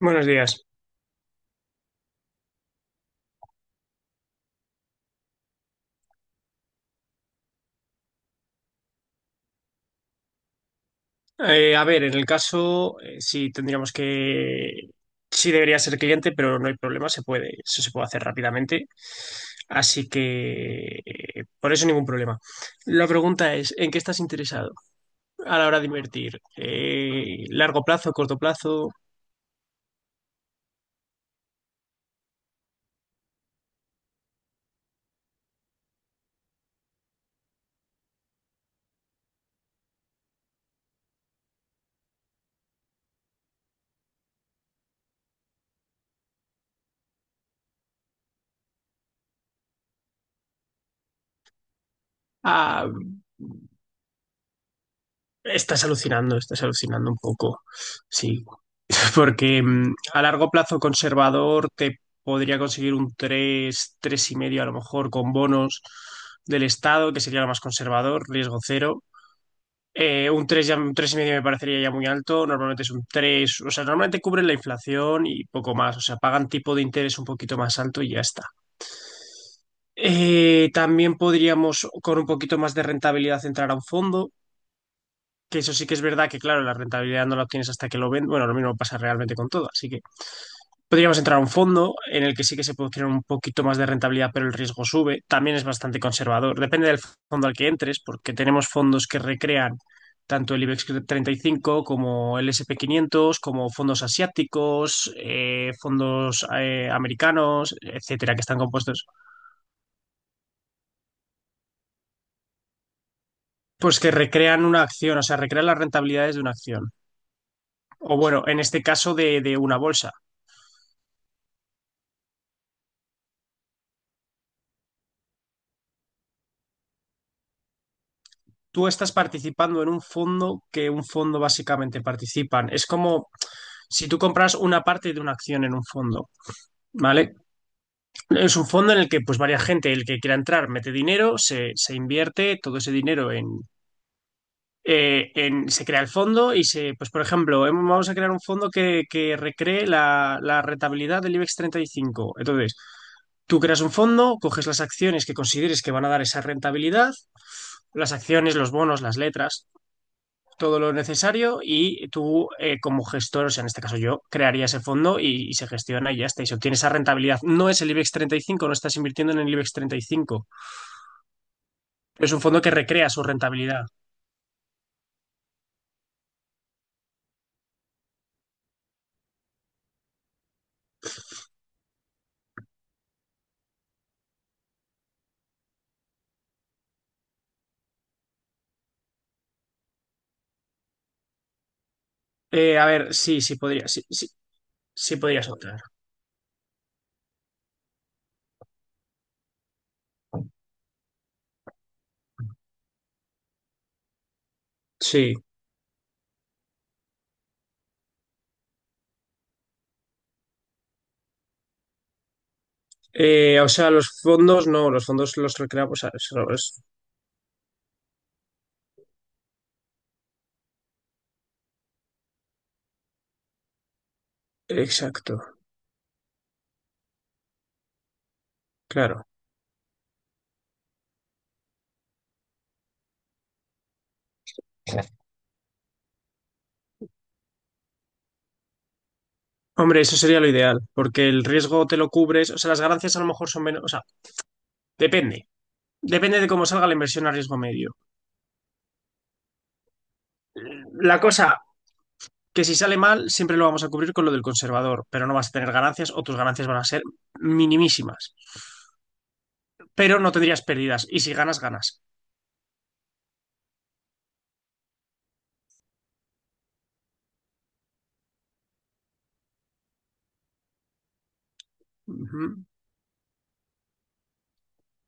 Buenos días. A ver, en el caso, sí debería ser cliente, pero no hay problema, se puede, eso se puede hacer rápidamente. Así que por eso ningún problema. La pregunta es, ¿en qué estás interesado a la hora de invertir? ¿Largo plazo, corto plazo? Ah, estás alucinando un poco. Sí. Porque a largo plazo conservador te podría conseguir un tres, tres y medio a lo mejor con bonos del Estado, que sería lo más conservador, riesgo cero. Un 3 ya, un tres y medio me parecería ya muy alto, normalmente es un tres, o sea, normalmente cubren la inflación y poco más, o sea, pagan tipo de interés un poquito más alto y ya está. También podríamos con un poquito más de rentabilidad entrar a un fondo, que eso sí que es verdad que claro, la rentabilidad no la obtienes hasta que lo vendes, bueno, lo mismo pasa realmente con todo, así que. Podríamos entrar a un fondo en el que sí que se puede obtener un poquito más de rentabilidad, pero el riesgo sube. También es bastante conservador. Depende del fondo al que entres, porque tenemos fondos que recrean tanto el IBEX 35 como el S&P 500, como fondos asiáticos, fondos americanos, etcétera, que están compuestos, pues que recrean una acción, o sea, recrean las rentabilidades de una acción. O bueno, en este caso de una bolsa. Tú estás participando en un fondo que un fondo básicamente participan. Es como si tú compras una parte de una acción en un fondo, ¿vale? Es un fondo en el que pues varia gente, el que quiera entrar, mete dinero, se invierte todo ese dinero se crea el fondo y pues por ejemplo, vamos a crear un fondo que recree la rentabilidad del IBEX 35. Entonces, tú creas un fondo, coges las acciones que consideres que van a dar esa rentabilidad, las acciones, los bonos, las letras todo lo necesario y tú como gestor, o sea, en este caso yo, crearía ese fondo y se gestiona y ya está, y se obtiene esa rentabilidad. No es el IBEX 35. No estás invirtiendo en el IBEX 35, pero es un fondo que recrea su rentabilidad. A ver, sí, sí podría, sí, sí, sí podría soltar. Sí. O sea, los fondos no, los fondos los recreamos. O sea, exacto, claro. Hombre, eso sería lo ideal, porque el riesgo te lo cubres, o sea, las ganancias a lo mejor son menos, o sea, depende. Depende de cómo salga la inversión a riesgo medio. La cosa que si sale mal, siempre lo vamos a cubrir con lo del conservador, pero no vas a tener ganancias o tus ganancias van a ser minimísimas, pero no tendrías pérdidas y si ganas, ganas. Ujú,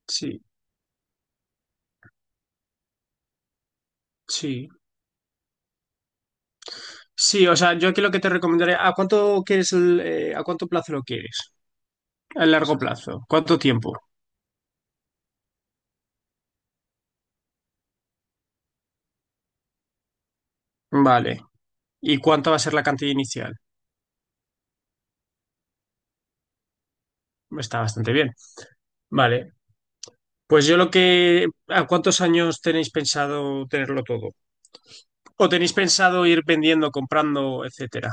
sí, sí. Sí, o sea, yo aquí lo que te recomendaré, ¿a cuánto quieres a cuánto plazo lo quieres? ¿A largo plazo? ¿Cuánto tiempo? Vale. ¿Y cuánto va a ser la cantidad inicial? Está bastante bien. Vale. Pues yo lo que, ¿a cuántos años tenéis pensado tenerlo todo? ¿O tenéis pensado ir vendiendo, comprando, etcétera?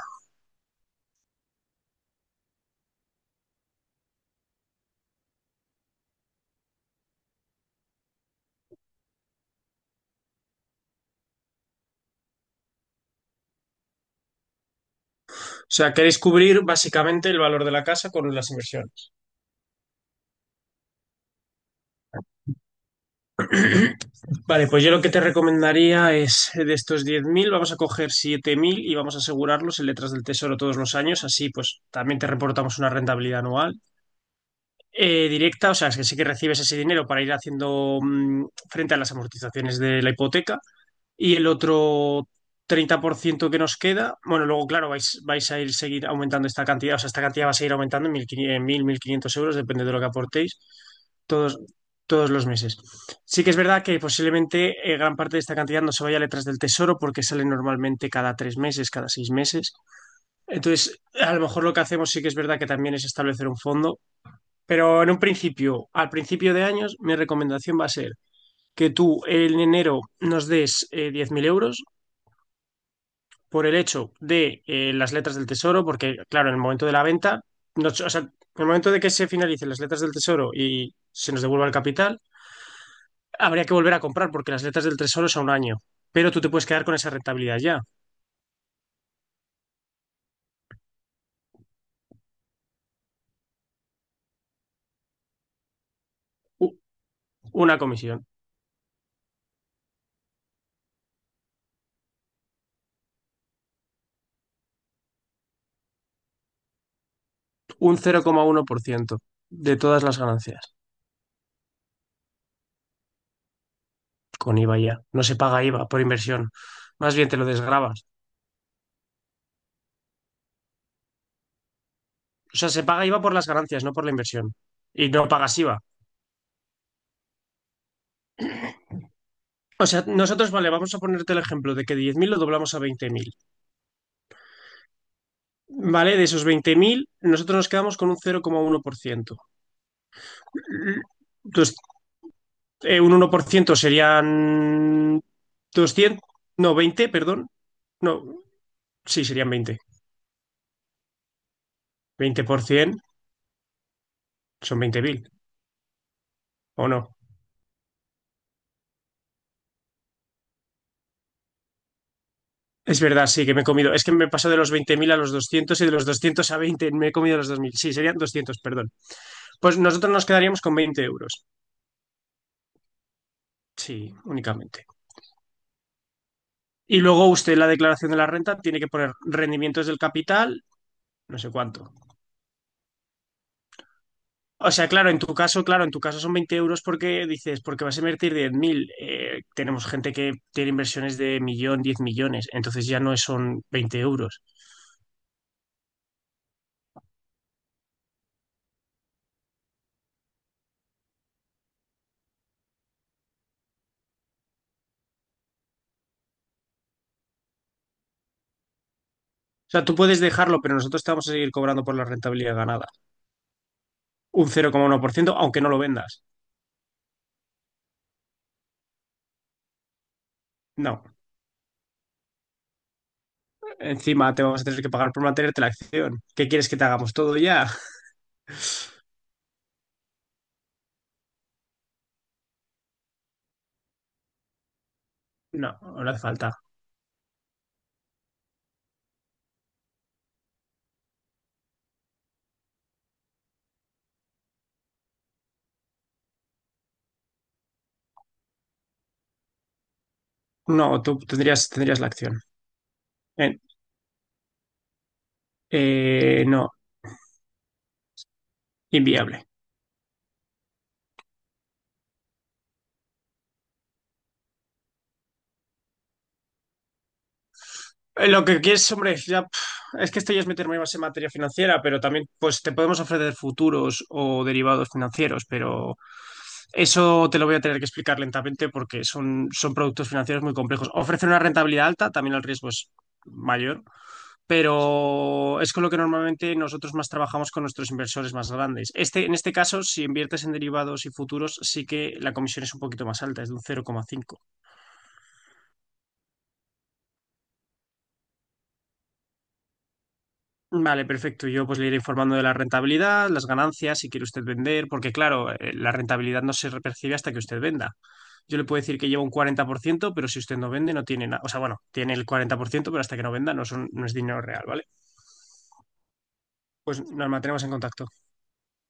O sea, queréis cubrir básicamente el valor de la casa con las inversiones. Vale, pues yo lo que te recomendaría es de estos 10.000 vamos a coger 7.000 y vamos a asegurarlos en letras del tesoro todos los años. Así, pues también te reportamos una rentabilidad anual directa. O sea, es que sí que recibes ese dinero para ir haciendo frente a las amortizaciones de la hipoteca. Y el otro 30% que nos queda, bueno, luego, claro, vais a ir seguir aumentando esta cantidad, o sea, esta cantidad va a seguir aumentando en 1.500, en mil quinientos euros, depende de lo que aportéis, todos, todos los meses. Sí que es verdad que posiblemente gran parte de esta cantidad no se vaya a letras del tesoro porque sale normalmente cada 3 meses, cada 6 meses. Entonces, a lo mejor lo que hacemos sí que es verdad que también es establecer un fondo, pero en un principio, al principio de años, mi recomendación va a ser que tú en enero nos des 10.000 euros por el hecho de las letras del tesoro, porque claro, en el momento de la venta, o sea, en el momento de que se finalicen las letras del tesoro y se nos devuelva el capital, habría que volver a comprar porque las letras del tesoro son un año, pero tú te puedes quedar con esa rentabilidad ya. U- una comisión, un 0,1% de todas las ganancias, con IVA ya. No se paga IVA por inversión, más bien te lo desgravas. O sea, se paga IVA por las ganancias, no por la inversión. Y no pagas IVA. O sea, nosotros, vale, vamos a ponerte el ejemplo de que 10.000 lo doblamos a 20.000. ¿Vale? De esos 20.000 nosotros nos quedamos con un cero coma uno por ciento. Entonces, un 1% serían 200, no, 20, perdón. No, sí, serían 20. 20 por 20% son 20.000, ¿o no? Es verdad, sí, que me he comido. Es que me he pasado de los 20.000 a los 200 y de los 200 a 20. Me he comido los 2.000. Sí, serían 200, perdón. Pues nosotros nos quedaríamos con 20 euros. Sí, únicamente. Y luego usted en la declaración de la renta tiene que poner rendimientos del capital, no sé cuánto. O sea, claro, en tu caso, claro, en tu caso son 20 euros porque dices, porque vas a invertir 10.000. Tenemos gente que tiene inversiones de millón, 10 millones, entonces ya no son 20 euros. O sea, tú puedes dejarlo, pero nosotros te vamos a seguir cobrando por la rentabilidad ganada. Un cero coma uno por ciento, aunque no lo vendas. No. Encima te vamos a tener que pagar por mantenerte la acción. ¿Qué quieres que te hagamos todo ya? No, no hace falta. No, tú tendrías la acción. Eh, no, inviable. Lo que quieres, hombre, ya, pf, es que esto ya es meterme más en materia financiera, pero también pues te podemos ofrecer futuros o derivados financieros, pero eso te lo voy a tener que explicar lentamente porque son productos financieros muy complejos. Ofrecen una rentabilidad alta, también el riesgo es mayor, pero es con lo que normalmente nosotros más trabajamos con nuestros inversores más grandes. Este, en este caso, si inviertes en derivados y futuros, sí que la comisión es un poquito más alta, es de un 0,5. Vale, perfecto. Yo pues le iré informando de la rentabilidad, las ganancias, si quiere usted vender, porque claro, la rentabilidad no se percibe hasta que usted venda. Yo le puedo decir que lleva un 40% pero si usted no vende no tiene nada. O sea, bueno, tiene el 40% pero hasta que no venda no, son, no es dinero real, ¿vale? Pues Norma, tenemos en contacto.